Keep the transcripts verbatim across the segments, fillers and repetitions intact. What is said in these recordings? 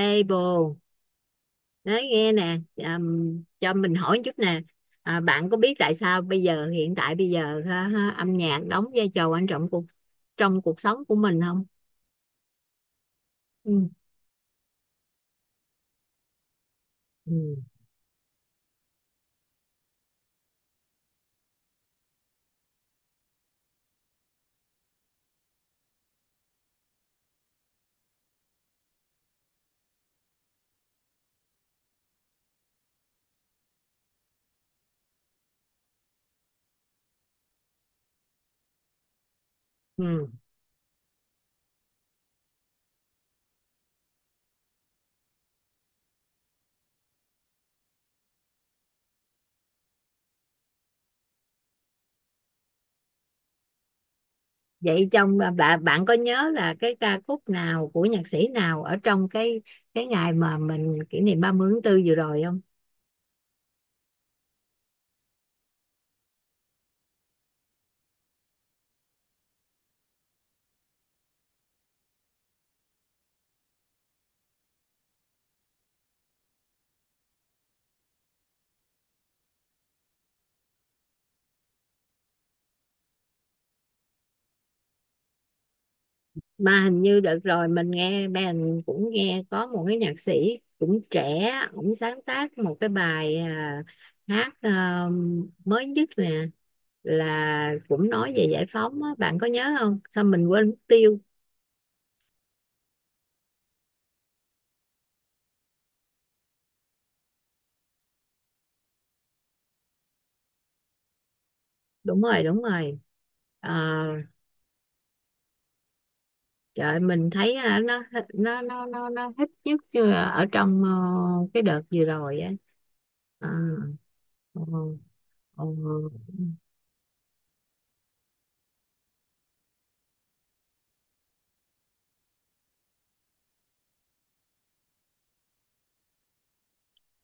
Ê bồ, nói nghe nè, ừm, cho mình hỏi chút nè. À, bạn có biết tại sao bây giờ hiện tại bây giờ, ha, ha, âm nhạc đóng vai trò quan trọng cuộc trong cuộc sống của mình không? Ừ. Ừ. Ừ. Vậy trong bạn bạn có nhớ là cái ca khúc nào của nhạc sĩ nào ở trong cái cái ngày mà mình kỷ niệm ba mươi tháng tư vừa rồi không? Mà hình như đợt rồi mình nghe mình cũng nghe có một cái nhạc sĩ cũng trẻ, ổng sáng tác một cái bài, à, hát, à, mới nhất nè, là cũng nói về giải phóng á. Bạn có nhớ không? Sao mình quên mất tiêu. Đúng rồi, đúng rồi. À. Trời ơi, mình thấy à, nó nó nó nó nó thích nhất chưa ở trong ờ, cái đợt vừa rồi á. À. Ờ. Ờ.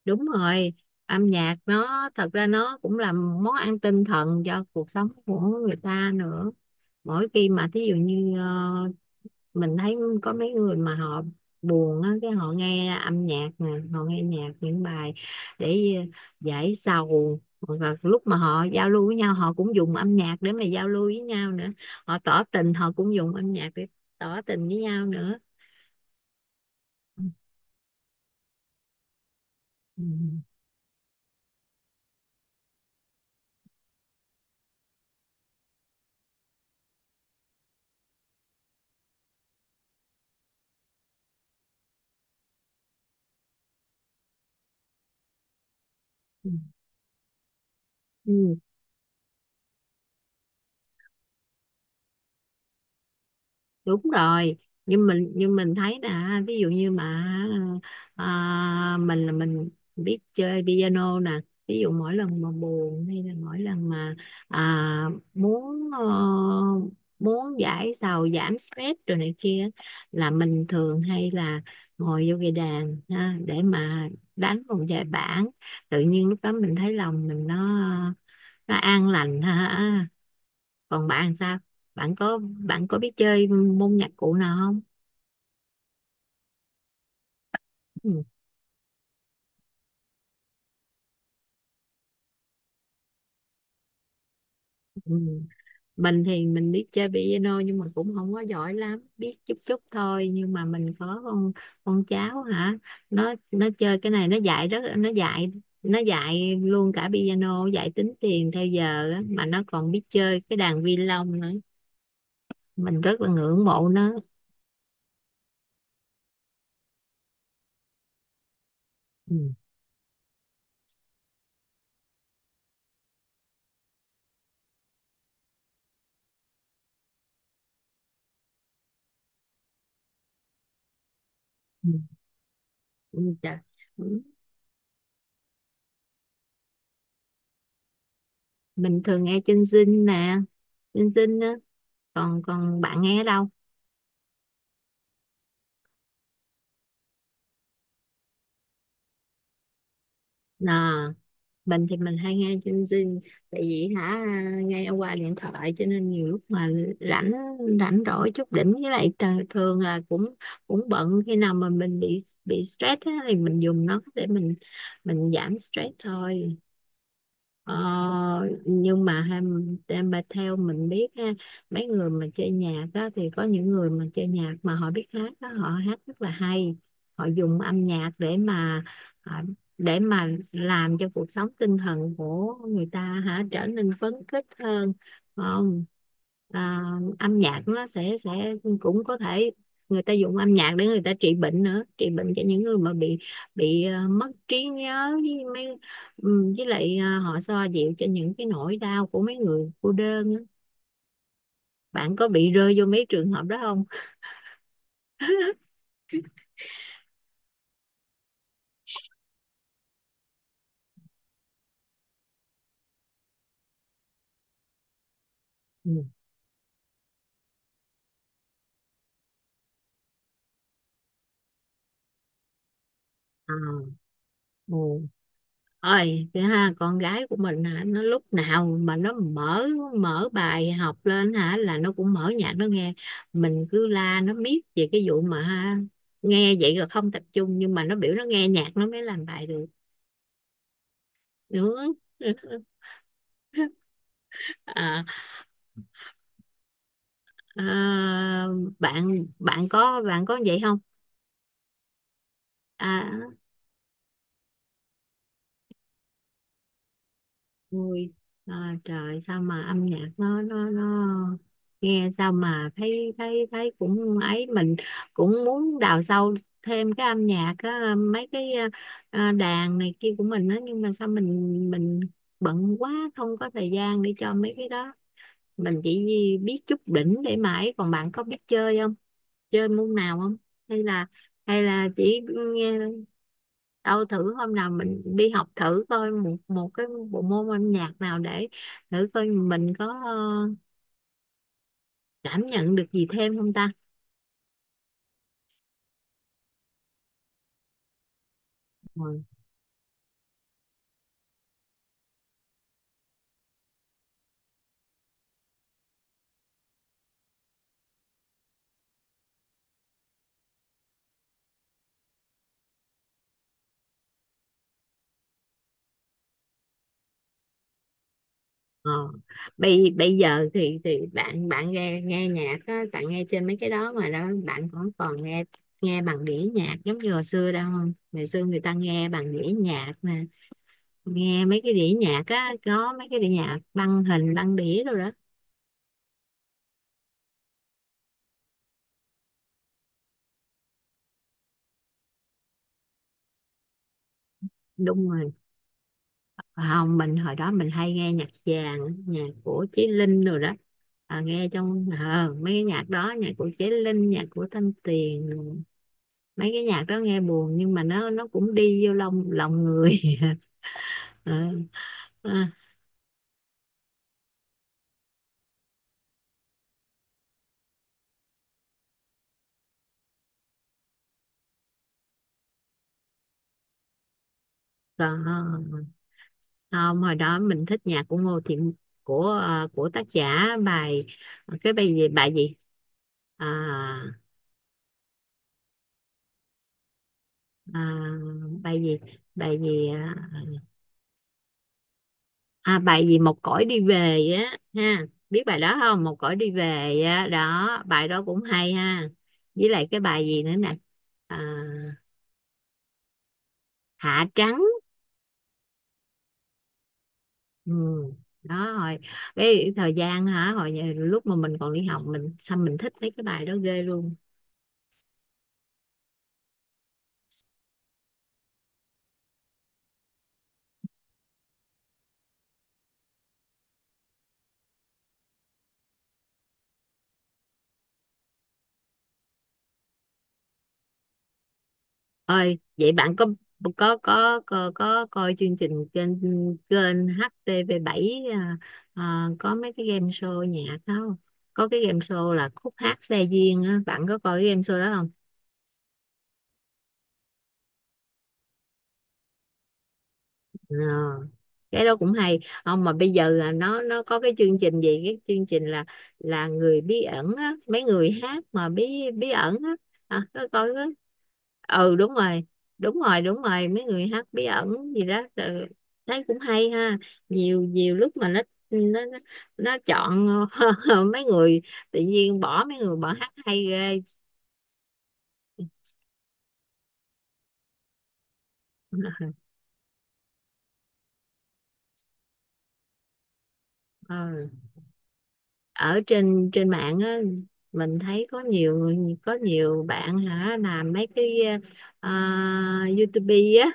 Đúng rồi. Âm nhạc nó thật ra nó cũng là món ăn tinh thần cho cuộc sống của người ta nữa. Mỗi khi mà thí dụ như ờ, mình thấy có mấy người mà họ buồn á, cái họ nghe âm nhạc nè, họ nghe nhạc những bài để giải sầu. Và lúc mà họ giao lưu với nhau họ cũng dùng âm nhạc để mà giao lưu với nhau nữa. Họ tỏ tình họ cũng dùng âm nhạc để tỏ tình với nhau nữa. Ừ. Ừ. Đúng rồi. Nhưng mình nhưng mình thấy là ví dụ như mà à, mình là mình biết chơi piano nè. Ví dụ mỗi lần mà buồn, hay là mỗi lần mà à, muốn ờ, muốn giải sầu, giảm stress rồi này kia, là mình thường hay là ngồi vô cái đàn ha, để mà đánh một vài bản. Tự nhiên lúc đó mình thấy lòng mình nó nó an lành ha. Còn bạn sao? bạn có Bạn có biết chơi môn nhạc cụ nào không? Ừ. Ừ. Mình thì mình biết chơi piano nhưng mà cũng không có giỏi lắm, biết chút chút thôi. Nhưng mà mình có con con cháu hả, nó nó chơi cái này, nó dạy rất nó dạy nó dạy luôn cả piano, dạy tính tiền theo giờ á, mà nó còn biết chơi cái đàn violon nữa. Mình rất là ngưỡng mộ nó. Ừ. Ừ. Ừ. Trời. Ừ. Mình thường nghe trinh Zing nè, trinh Zing á. Còn còn bạn nghe ở đâu? Nà, mình thì mình hay nghe trên Zing, tại vì hả nghe qua điện thoại, cho nên nhiều lúc mà rảnh rảnh rỗi chút đỉnh, với lại tờ- thường là cũng cũng bận. Khi nào mà mình bị bị stress á, thì mình dùng nó để mình mình giảm stress thôi. Ờ, nhưng mà em em bà theo mình biết ha, mấy người mà chơi nhạc á, thì có những người mà chơi nhạc mà họ biết hát đó, họ hát rất là hay. Họ dùng âm nhạc để mà à, để mà làm cho cuộc sống tinh thần của người ta hả trở nên phấn khích hơn, phải không? À, âm nhạc nó sẽ sẽ cũng có thể, người ta dùng âm nhạc để người ta trị bệnh nữa, trị bệnh cho những người mà bị bị ờ, mất trí nhớ với mấy... Ừ, với lại à, họ xoa dịu cho những cái nỗi đau của mấy người cô đơn á. Bạn có bị rơi vô mấy trường hợp đó không? Ừ. À. Ừ. Ôi, thế ha, con gái của mình hả, nó lúc nào mà nó mở mở bài học lên hả là nó cũng mở nhạc nó nghe. Mình cứ la nó miết về cái vụ mà ha, nghe vậy rồi không tập trung, nhưng mà nó biểu nó nghe nhạc nó mới làm bài được. Đúng. À. À. bạn bạn có Bạn có vậy không? À. Ôi, à, trời sao mà âm nhạc nó nó nó nghe sao mà thấy thấy thấy cũng ấy, mình cũng muốn đào sâu thêm cái âm nhạc á, mấy cái à, đàn này kia của mình á, nhưng mà sao mình mình bận quá không có thời gian để cho mấy cái đó. Mình chỉ biết chút đỉnh để mà ấy. Còn bạn có biết chơi không, chơi môn nào không, hay là, hay là chỉ nghe? Đâu thử hôm nào mình đi học thử coi một một cái bộ môn âm nhạc nào, để thử coi mình có ờ, cảm nhận được gì thêm không ta. Ừ. Ờ. bây bây giờ thì thì bạn bạn nghe nghe nhạc á, bạn nghe trên mấy cái đó mà đó, bạn còn còn nghe nghe bằng đĩa nhạc giống như hồi xưa đâu không? Ngày xưa người ta nghe bằng đĩa nhạc nè, nghe mấy cái đĩa nhạc á, có mấy cái đĩa nhạc, băng hình, băng đĩa rồi đó. Đúng rồi. Không, mình hồi đó mình hay nghe nhạc vàng, nhạc của Chí Linh rồi đó, à, nghe trong ờ, mấy cái nhạc đó, nhạc của Chí Linh, nhạc của Thanh Tuyền. Mấy cái nhạc đó nghe buồn nhưng mà nó nó cũng đi vô lòng lòng người. Ờ, ờ, Còn không, hồi đó mình thích nhạc của Ngô Thiện, của ờ, của tác giả bài, cái bài gì, bài gì? À. À. Bài gì, bài gì? À. À, bài gì, "Một cõi đi về" á ha, biết bài đó không? "Một cõi đi về" á đó, bài đó cũng hay ha. Với lại cái bài gì nữa nè? À, "Hạ trắng". Ừ. Đó rồi. Cái thời gian hả, hồi nhà- lúc mà mình còn đi học, mình sao mình thích mấy cái bài đó ghê luôn. Ơi, vậy bạn có, có có có, có coi chương trình trên kênh hát tê vê bảy, à, à, có mấy cái game show nhạc đó không? Có cái game show là "Khúc hát xe duyên" á, bạn có coi cái game show đó? À, cái đó cũng hay. Không, mà bây giờ là nó nó có cái chương trình gì, cái chương trình là là người bí ẩn á, mấy người hát mà bí bí ẩn á? À, có coi đó. Ừ, đúng rồi, đúng rồi, đúng rồi. Mấy người hát bí ẩn gì đó, ừ, thấy cũng hay ha. Nhiều nhiều lúc mà nó nó nó nó chọn mấy người, tự nhiên bỏ mấy người bỏ, hát hay ghê. Ờ. Ở trên trên mạng á, mình thấy có nhiều người, có nhiều bạn hả làm mấy cái ờ, YouTube á,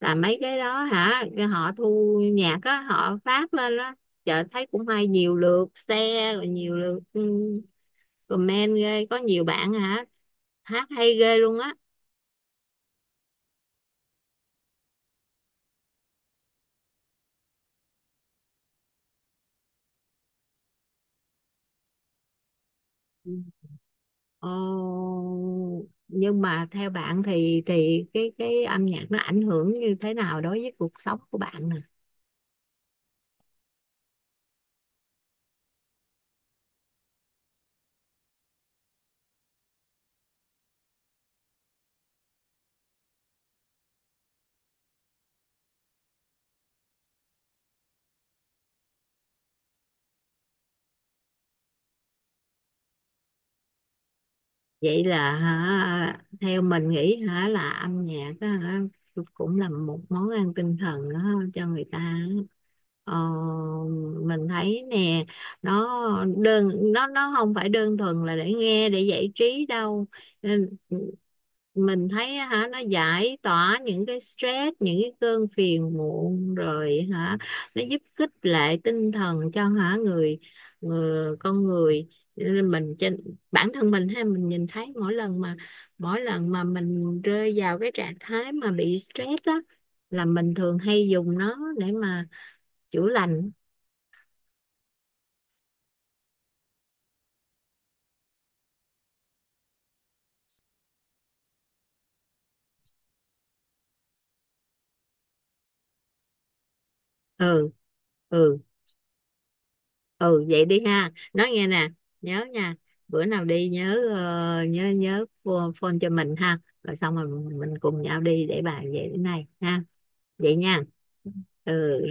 làm mấy cái đó hả, cái họ thu nhạc á họ phát lên á, chợ thấy cũng hay, nhiều lượt share rồi nhiều lượt ừ, comment ghê. Có nhiều bạn hả hát hay ghê luôn á. Ừ. Ồ, nhưng mà theo bạn thì thì cái cái âm nhạc nó ảnh hưởng như thế nào đối với cuộc sống của bạn nè? Vậy là hả, theo mình nghĩ hả, là âm nhạc á hả, cũng là một món ăn tinh thần á, cho người ta á. ờ, mình thấy nè, nó đơn nó nó không phải đơn thuần là để nghe, để giải trí đâu. Ừ, mình thấy á hả, nó giải tỏa những cái stress, những cái cơn phiền muộn rồi hả. Nó giúp khích lệ tinh thần cho hả người, người con người. Nên mình, trên bản thân mình ha, mình nhìn thấy mỗi lần mà mỗi lần mà mình rơi vào cái trạng thái mà bị stress á, là mình thường hay dùng nó để mà chữa lành. Ừ. Ừ. Ừ. Vậy đi ha, nói nghe nè, nhớ nha, bữa nào đi nhớ ờ, nhớ nhớ phone, phone cho mình ha, rồi xong rồi mình cùng nhau đi để bàn về cái này ha. Vậy nha. Ừ